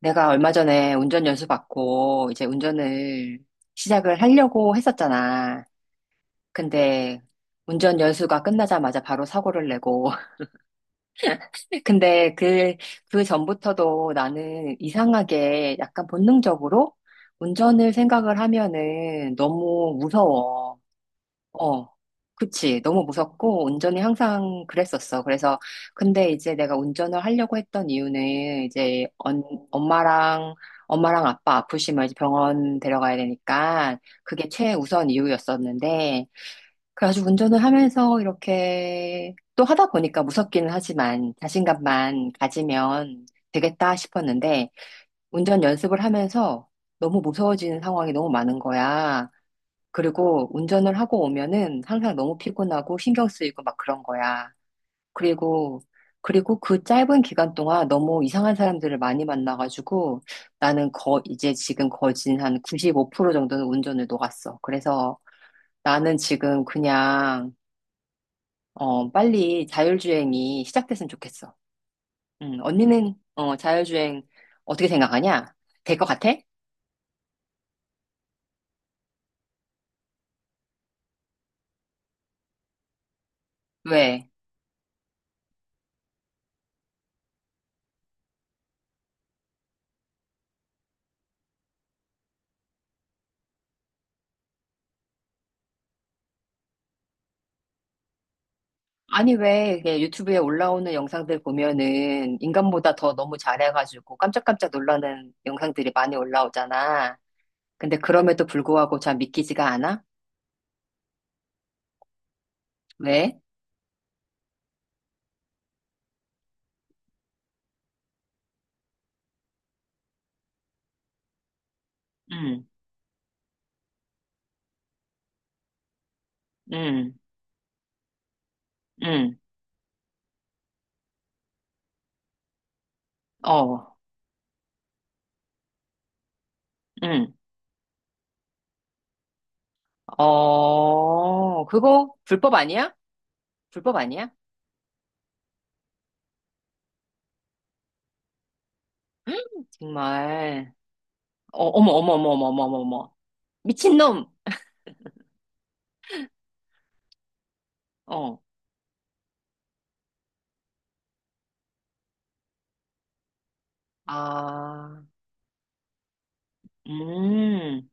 내가 얼마 전에 운전 연수 받고 이제 운전을 시작을 하려고 했었잖아. 근데 운전 연수가 끝나자마자 바로 사고를 내고. 근데 그 전부터도 나는 이상하게 약간 본능적으로 운전을 생각을 하면은 너무 무서워. 어, 그치. 너무 무섭고, 운전이 항상 그랬었어. 그래서, 근데 이제 내가 운전을 하려고 했던 이유는, 이제, 엄마랑, 엄마랑 아빠 아프시면 이제 병원 데려가야 되니까, 그게 최우선 이유였었는데, 그래가지고 운전을 하면서 이렇게, 또 하다 보니까 무섭기는 하지만, 자신감만 가지면 되겠다 싶었는데, 운전 연습을 하면서 너무 무서워지는 상황이 너무 많은 거야. 그리고 운전을 하고 오면은 항상 너무 피곤하고 신경 쓰이고 막 그런 거야. 그리고, 그리고 그 짧은 기간 동안 너무 이상한 사람들을 많이 만나가지고 나는 이제 지금 거진 한 95% 정도는 운전을 녹았어. 그래서 나는 지금 그냥, 빨리 자율주행이 시작됐으면 좋겠어. 언니는, 자율주행 어떻게 생각하냐? 될 것 같아? 왜? 아니, 왜 이게 유튜브에 올라오는 영상들 보면은 인간보다 더 너무 잘해가지고 깜짝깜짝 놀라는 영상들이 많이 올라오잖아. 근데 그럼에도 불구하고 잘 믿기지가 않아? 왜? 응, 응, 응, 어, 응, 어, 그거 불법 아니야? 불법 아니야? 헉, 정말. 어, 어머, 어머, 어머, 어머, 어머, 어머, 어머. 미친놈! 어, 아, 음,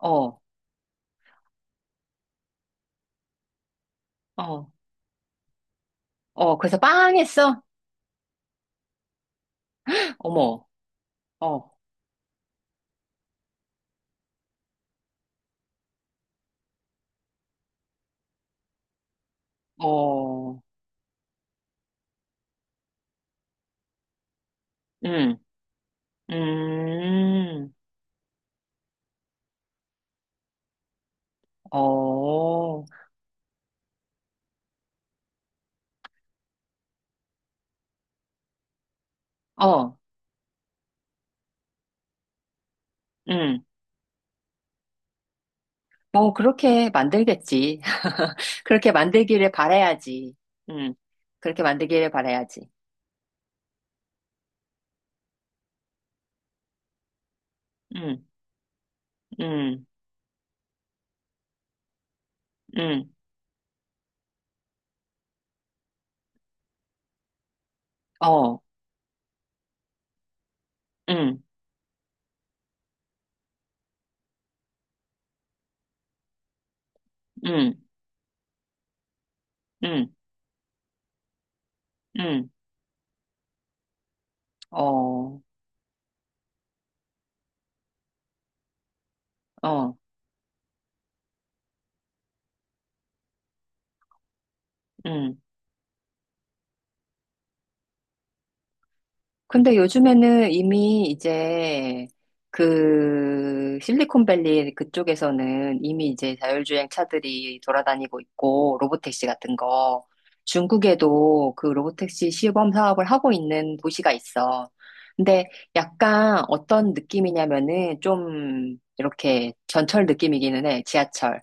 어, 어, 어, 그래서 빵했어. 어머. 어, 어, 음, 음, 어, 어, 음, 뭐, 그렇게 만들겠지. 그렇게 만들기를 바라야지. 음, 그렇게 만들기를 바라야지. 음, 음, 음, 어, 음, 음, 음, 음, 어, 어, 음. 근데 요즘에는 이미 이제 그 실리콘밸리 그쪽에서는 이미 이제 자율주행 차들이 돌아다니고 있고 로보택시 같은 거 중국에도 그 로보택시 시범 사업을 하고 있는 도시가 있어. 근데 약간 어떤 느낌이냐면은 좀 이렇게 전철 느낌이기는 해. 지하철.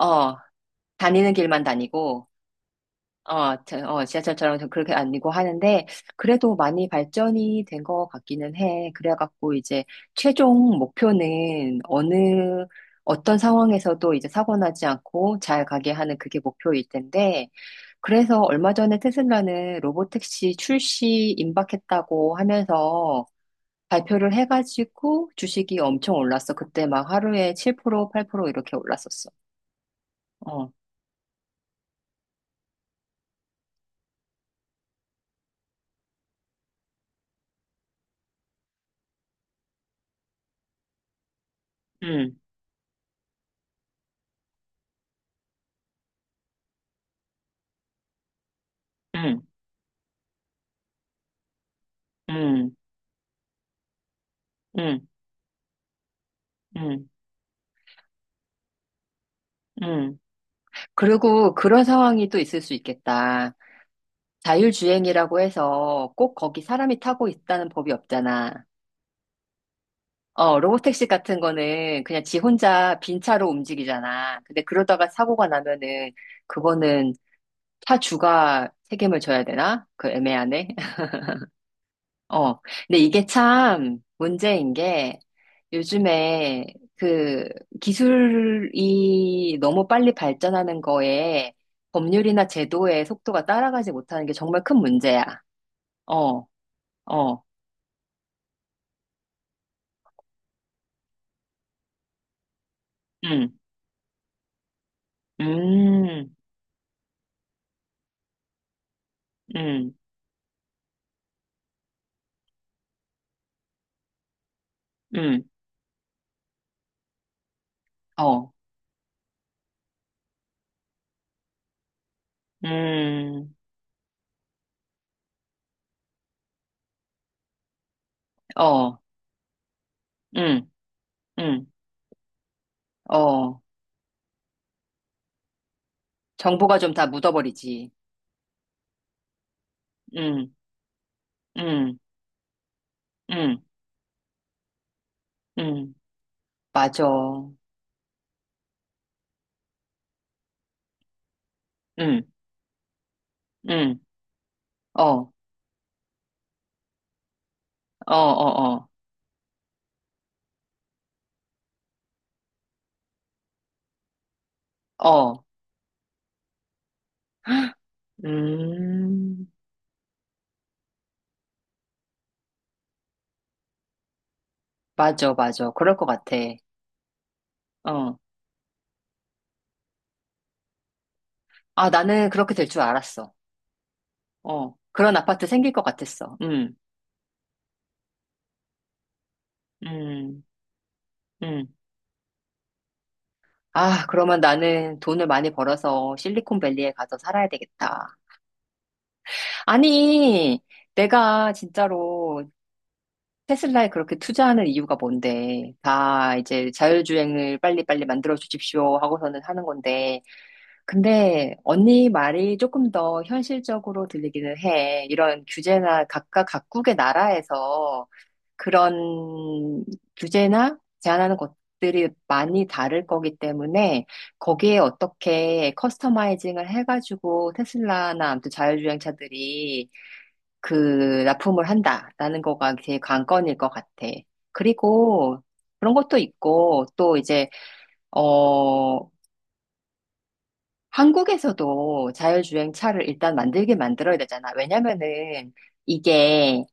어, 다니는 길만 다니고 지하철처럼 좀 그렇게 아니고 하는데, 그래도 많이 발전이 된 것 같기는 해. 그래갖고 이제 최종 목표는 어떤 상황에서도 이제 사고 나지 않고 잘 가게 하는 그게 목표일 텐데, 그래서 얼마 전에 테슬라는 로보택시 출시 임박했다고 하면서 발표를 해가지고 주식이 엄청 올랐어. 그때 막 하루에 7%, 8% 이렇게 올랐었어. 어, 음, 음, 음, 음, 음, 음. 그리고 그런 상황이 또 있을 수 있겠다. 자율주행이라고 해서 꼭 거기 사람이 타고 있다는 법이 없잖아. 어, 로보택시 같은 거는 그냥 지 혼자 빈 차로 움직이잖아. 근데 그러다가 사고가 나면은 그거는 차 주가 책임을 져야 되나? 그 애매하네. 어. 근데 이게 참 문제인 게 요즘에 그 기술이 너무 빨리 발전하는 거에 법률이나 제도의 속도가 따라가지 못하는 게 정말 큰 문제야. 어, 어, 음, 음, 음, 음, 어, 음, 어, 음, 음, 어. 정보가 좀 다 묻어버리지. 음, 음, 음, 음, 맞아. 음, 음, 어, 어, 어, 어. 어, 음, 맞아, 맞아. 그럴 것 같아. 어. 아, 나는 그렇게 될 줄 알았어. 어, 그런 아파트 생길 것 같았어. 음, 음. 아, 그러면 나는 돈을 많이 벌어서 실리콘밸리에 가서 살아야 되겠다. 아니, 내가 진짜로 테슬라에 그렇게 투자하는 이유가 뭔데? 다 이제 자율주행을 빨리빨리 만들어 주십시오 하고서는 하는 건데. 근데 언니 말이 조금 더 현실적으로 들리기는 해. 이런 규제나 각각 각국의 나라에서 그런 규제나 제한하는 것들이 많이 다를 거기 때문에 거기에 어떻게 커스터마이징을 해가지고 테슬라나 아무튼 자율주행차들이 그 납품을 한다라는 거가 제일 관건일 것 같아. 그리고 그런 것도 있고 또 이제 어... 한국에서도 자율주행 차를 일단 만들게 만들어야 되잖아. 왜냐면은 이게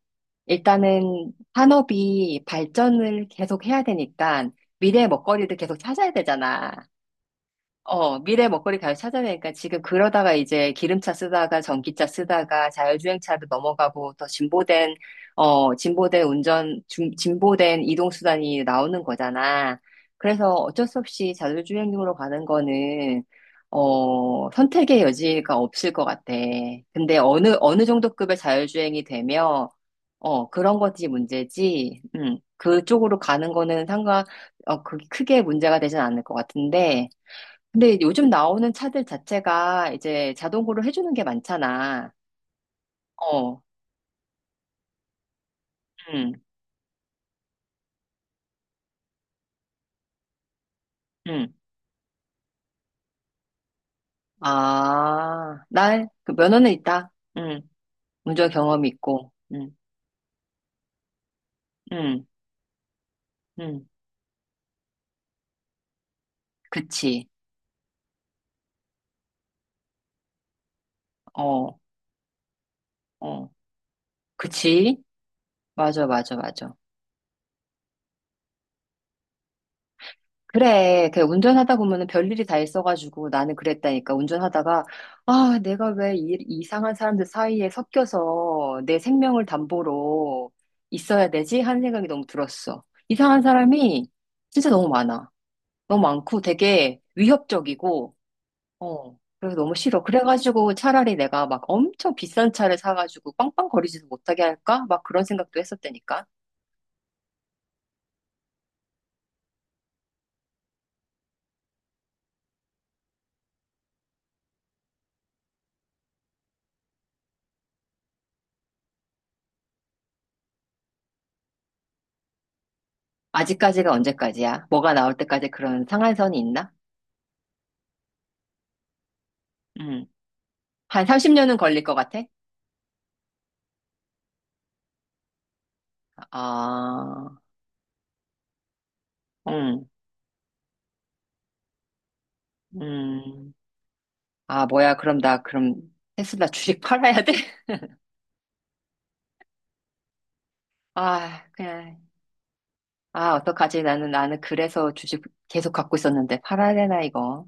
일단은 산업이 발전을 계속 해야 되니까 미래의 먹거리를 계속 찾아야 되잖아. 미래 먹거리 가요 찾아내니까 지금 그러다가 이제 기름차 쓰다가 전기차 쓰다가 자율주행차로 넘어가고 더 진보된, 진보된 운전, 진보된 이동수단이 나오는 거잖아. 그래서 어쩔 수 없이 자율주행용으로 가는 거는, 선택의 여지가 없을 것 같아. 근데 어느 정도 급의 자율주행이 되면, 그런 거지 문제지. 그쪽으로 가는 거는 상관, 크게 문제가 되진 않을 것 같은데, 근데 요즘 나오는 차들 자체가 이제 자동으로 해주는 게 많잖아. 어, 응, 응. 아, 날그 면허는 있다. 응, 운전 경험이 있고. 응, 응, 응. 그치. 어, 어. 그치. 맞아, 맞아, 맞아. 그래, 그 운전하다 보면은 별일이 다 있어가지고 나는 그랬다니까. 운전하다가, 아, 내가 왜 이상한 사람들 사이에 섞여서 내 생명을 담보로 있어야 되지? 하는 생각이 너무 들었어. 이상한 사람이 진짜 너무 많아. 너무 많고 되게 위협적이고, 그래서 너무 싫어. 그래가지고 차라리 내가 막 엄청 비싼 차를 사가지고 빵빵거리지도 못하게 할까? 막 그런 생각도 했었다니까. 아직까지가 언제까지야? 뭐가 나올 때까지 그런 상한선이 있나? 음. 한 30년은 걸릴 것 같아? 아, 응, 음. 아, 뭐야, 그럼 테슬라 주식 팔아야 돼? 아, 그냥, 아, 어떡하지? 나는 그래서 주식 계속 갖고 있었는데 팔아야 되나, 이거?